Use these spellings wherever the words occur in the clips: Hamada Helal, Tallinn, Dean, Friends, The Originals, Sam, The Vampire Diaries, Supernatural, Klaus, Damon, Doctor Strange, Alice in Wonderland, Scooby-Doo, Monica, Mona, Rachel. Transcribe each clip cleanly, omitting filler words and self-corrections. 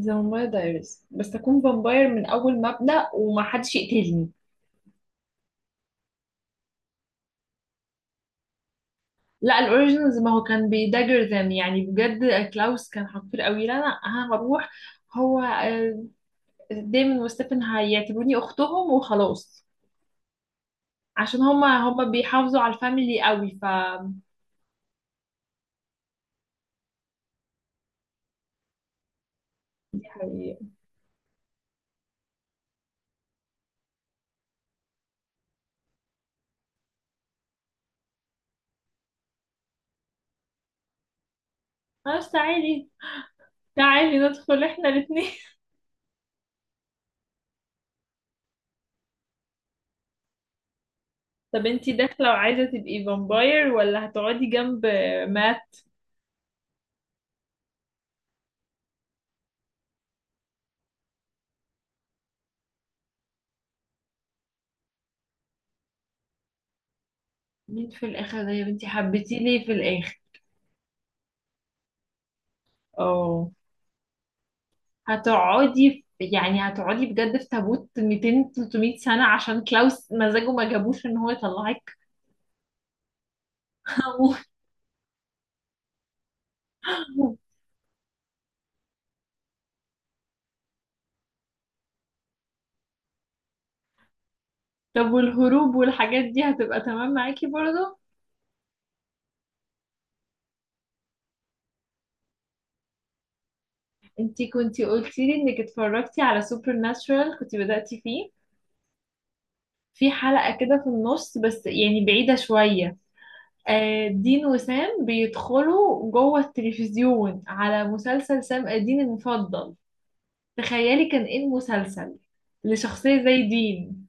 ذا فامباير دايريز، بس اكون فامباير من اول مبدأ ومحدش يقتلني. لا، الاوريجينالز ما هو كان بيداجر ذم، يعني بجد كلاوس كان حقير قوي. لا، أنا هروح. هو ديمون وستيفن هيعتبروني اختهم وخلاص، عشان هما بيحافظوا على الفاميلي قوي. دي حقيقة. خلاص، تعالي. تعالي ندخل احنا الاثنين طب انتي داخلة وعايزة تبقي فامباير، ولا هتقعدي جنب مات؟ مين في الاخر ده يا بنتي؟ حبيتيه ليه في الاخر؟ اه، يعني هتقعدي بجد في تابوت 200 300 سنة عشان كلاوس مزاجه ما جابوش ان هو يطلعك؟ طب والهروب والحاجات دي هتبقى تمام معاكي برضه؟ انتي كنتي قلتي لي انك اتفرجتي على سوبر ناتشورال، كنتي بدأتي فيه في حلقة كده في النص، بس يعني بعيدة شوية. دين وسام بيدخلوا جوه التلفزيون على مسلسل سام الدين المفضل. تخيلي كان ايه المسلسل لشخصية زي دين؟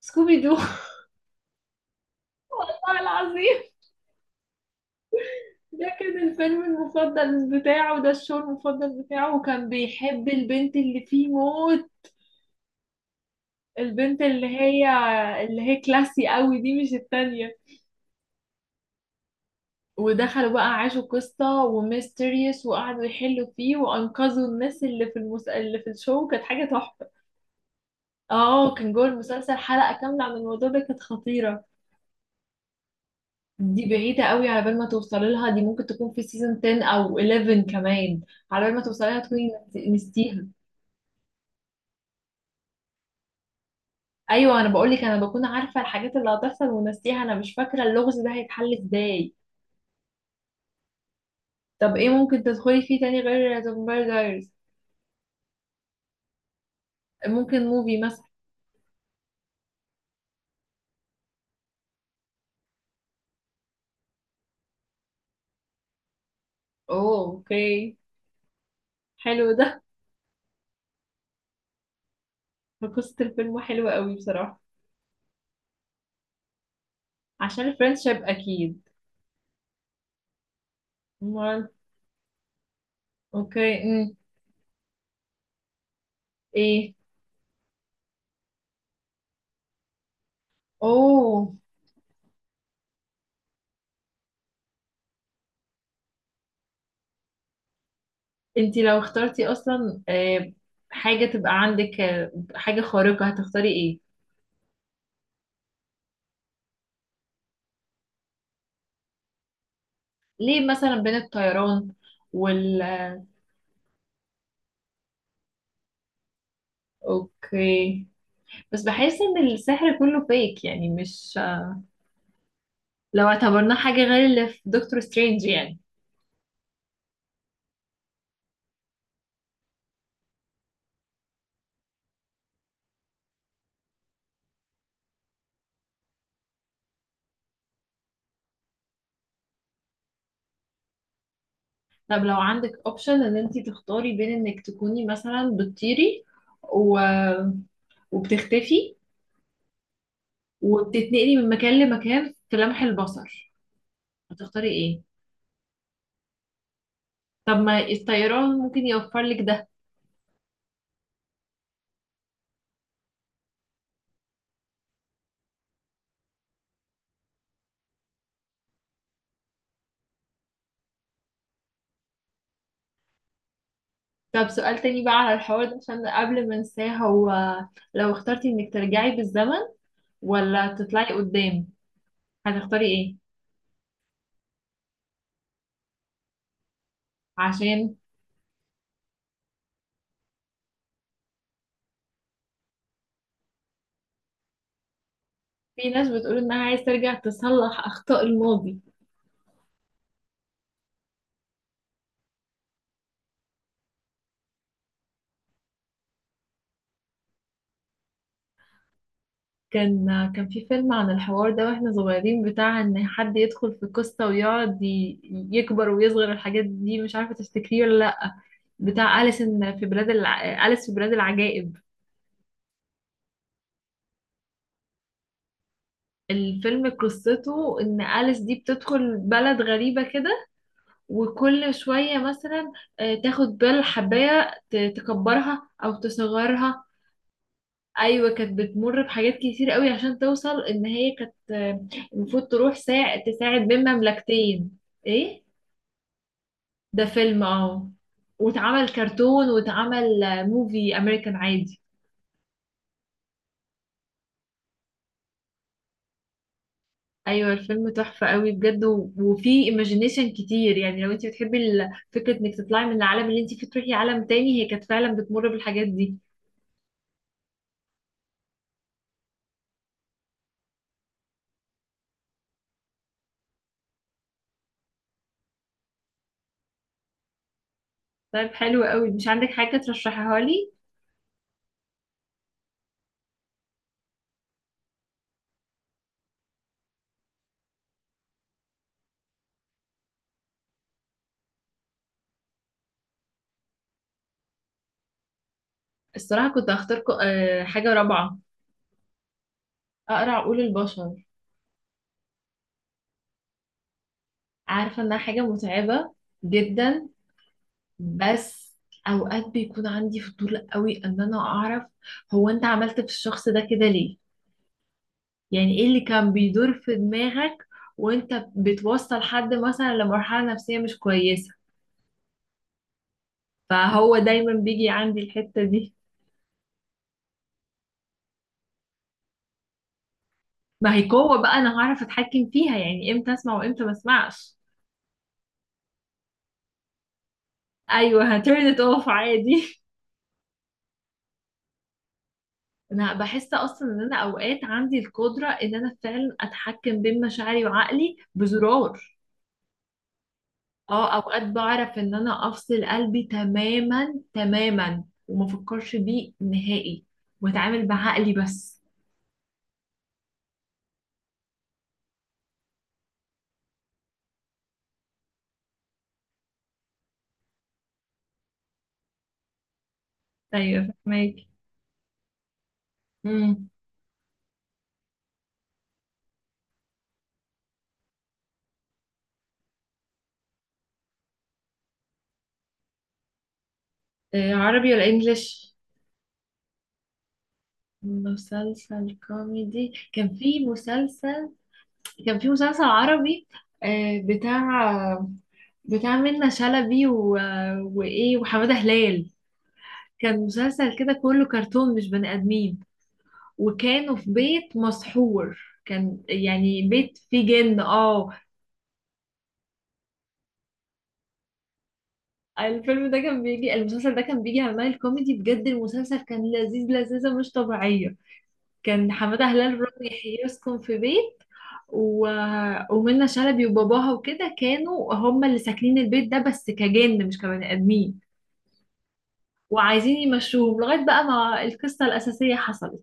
سكوبي دو. والله العظيم. ده كان الفيلم المفضل بتاعه، ده الشو المفضل بتاعه، وكان بيحب البنت اللي فيه موت. البنت اللي هي كلاسي قوي دي، مش التانية. ودخلوا بقى، عاشوا قصة وميستيريوس، وقعدوا يحلوا فيه، وأنقذوا الناس اللي في الشو. كانت حاجة تحفة. اه، كان جوه المسلسل حلقة كاملة عن الموضوع ده، كانت خطيرة. دي بعيدة قوي على بال ما توصلي لها، دي ممكن تكون في سيزون 10 أو 11 كمان. على بال ما توصلي لها تكوني نسيتيها. ايوه، انا بقول لك انا بكون عارفه الحاجات اللي هتحصل ونسيها، انا مش فاكره اللغز ده هيتحل ازاي. طب ايه ممكن تدخلي فيه تاني غير ذا فامباير دايرز؟ ممكن موفي مثلا. اوه، اوكي. حلو ده. قصه الفيلم حلوه قوي بصراحه. عشان الفرنشيب اكيد. امال. اوكي، ايه. اوه. انتي لو اخترتي اصلا، حاجه تبقى عندك، حاجه خارقه، هتختاري ايه؟ ليه مثلا بين الطيران وال اوكي. بس بحس ان السحر كله فيك، يعني مش لو اعتبرناه حاجة غير اللي في دكتور سترينج يعني. طب لو عندك اوبشن ان انتي تختاري بين انك تكوني مثلا بتطيري، و... وبتختفي، وبتتنقلي من مكان لمكان في لمح البصر، هتختاري ايه؟ طب ما الطيران ممكن يوفر لك ده. طب سؤال تاني بقى على الحوار ده عشان قبل ما انساه. هو لو اخترتي انك ترجعي بالزمن، ولا تطلعي قدام، هتختاري ايه؟ عشان في ناس بتقول انها عايز ترجع تصلح اخطاء الماضي. كان كان في فيلم عن الحوار ده واحنا صغيرين، بتاع ان حد يدخل في قصة ويقعد يكبر ويصغر الحاجات دي، مش عارفة تفتكريه ولا لأ. بتاع أليس في بلاد العجائب. الفيلم قصته ان أليس دي بتدخل بلد غريبة كده، وكل شوية مثلا، تاخد بال حباية تكبرها او تصغرها. ايوه، كانت بتمر بحاجات كتير قوي عشان توصل ان هي كانت، المفروض تروح تساعد بين مملكتين. ايه. ده فيلم، اه. واتعمل كرتون، واتعمل موفي امريكان عادي. ايوه، الفيلم تحفه قوي بجد، وفي ايماجينيشن كتير، يعني لو انت بتحبي فكره انك تطلعي من العالم اللي انت فيه تروحي عالم تاني، هي كانت فعلا بتمر بالحاجات دي. طيب، حلو قوي. مش عندك حاجه ترشحيها لي؟ الصراحه كنت هختار حاجه رابعه. اقرا عقول البشر. عارفة انها حاجة متعبة جدا، بس اوقات بيكون عندي فضول قوي ان انا اعرف، هو انت عملت في الشخص ده كده ليه؟ يعني ايه اللي كان بيدور في دماغك؟ وانت بتوصل حد مثلا لمرحلة نفسية مش كويسة، فهو دايما بيجي عندي الحتة دي. ما هي قوة بقى، انا هعرف اتحكم فيها، يعني امتى اسمع وامتى ما اسمعش. ايوه، هترن it off عادي. انا بحس اصلا ان انا اوقات عندي القدره ان انا فعلا اتحكم بين مشاعري وعقلي بزرار. اه، اوقات بعرف ان انا افصل قلبي تماما تماما وما افكرش بيه نهائي، واتعامل بعقلي بس. ايوه، فاهمك. امم. عربي ولا انجليش؟ مسلسل كوميدي. كان في مسلسل عربي، آه، بتاع بتاع منة شلبي وايه، وحمادة هلال. كان مسلسل كده كله كرتون، مش بني آدمين، وكانوا في بيت مسحور. كان يعني بيت فيه جن، اه. الفيلم ده كان بيجي المسلسل ده كان بيجي على مايل كوميدي، بجد المسلسل كان لذيذ، لذيذة مش طبيعية. كان حمادة هلال رضي يحيى يسكن في بيت و... ومنى شلبي وباباها وكده كانوا هم اللي ساكنين البيت ده، بس كجن مش كبني آدمين، وعايزين يمشوهم لغاية بقى ما القصة الأساسية حصلت.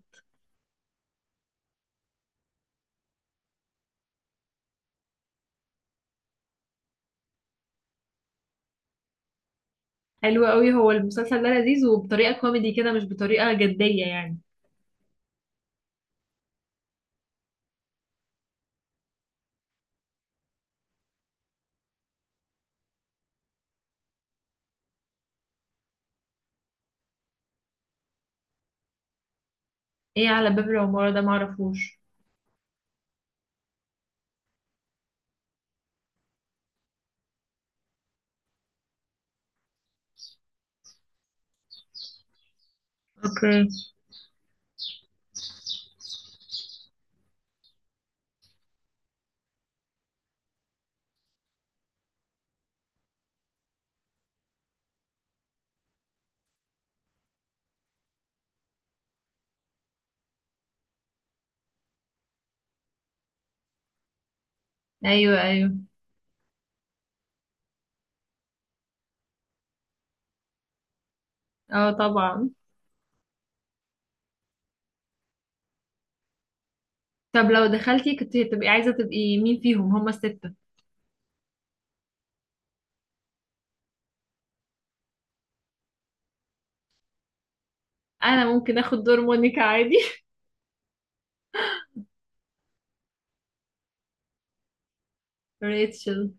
حلو قوي، هو المسلسل ده لذيذ وبطريقة كوميدي كده، مش بطريقة جدية يعني. ايه على باب العمارة ده؟ معرفوش. اوكي. ايوه، ايوه. اه، طبعا. طب لو دخلتي، كنت هتبقي عايزة تبقي مين فيهم هما الستة؟ انا ممكن اخد دور مونيكا عادي ريتشل.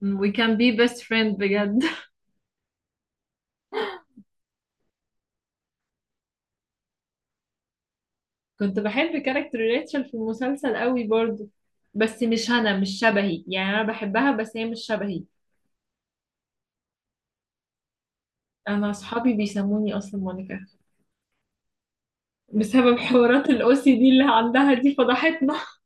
We can be best friend بجد كنت بحب كاركتر ريتشل في المسلسل قوي برضو، بس مش، انا مش شبهي، يعني انا بحبها بس هي مش شبهي. انا اصحابي بيسموني اصلا مونيكا، بسبب حوارات الاو سي دي اللي عندها دي، فضحتنا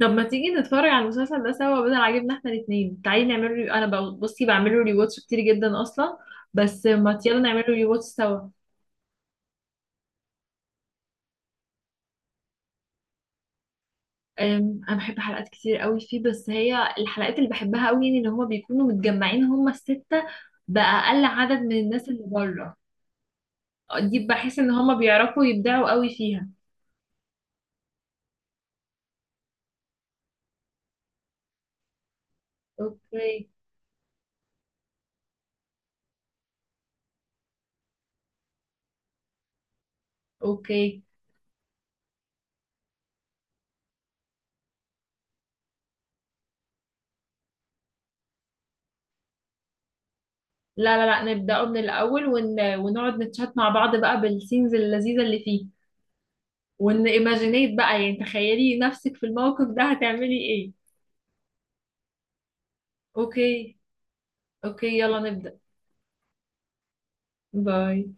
طب ما تيجي نتفرج على المسلسل ده سوا، بدل عاجبنا احنا الاثنين. تعالي نعمل انا بقى بصي بعمل له ريواتش كتير جدا اصلا، بس ما يلا نعمل له ريواتش سوا. انا بحب حلقات كتير قوي فيه، بس هي الحلقات اللي بحبها قوي، يعني ان هما بيكونوا متجمعين هما الستة، بأقل عدد من الناس اللي بره، دي بحس ان هما بيعرفوا يبدعوا قوي فيها. اوكي. اوكي. لا لا لا، نبدأه من الأول، ونقعد نتشات مع بعض بقى بالسينز اللذيذة اللي فيه. ون ايماجينيت بقى، يعني تخيلي نفسك في الموقف ده، هتعملي ايه؟ اوكي. اوكي، يلا نبدأ. باي.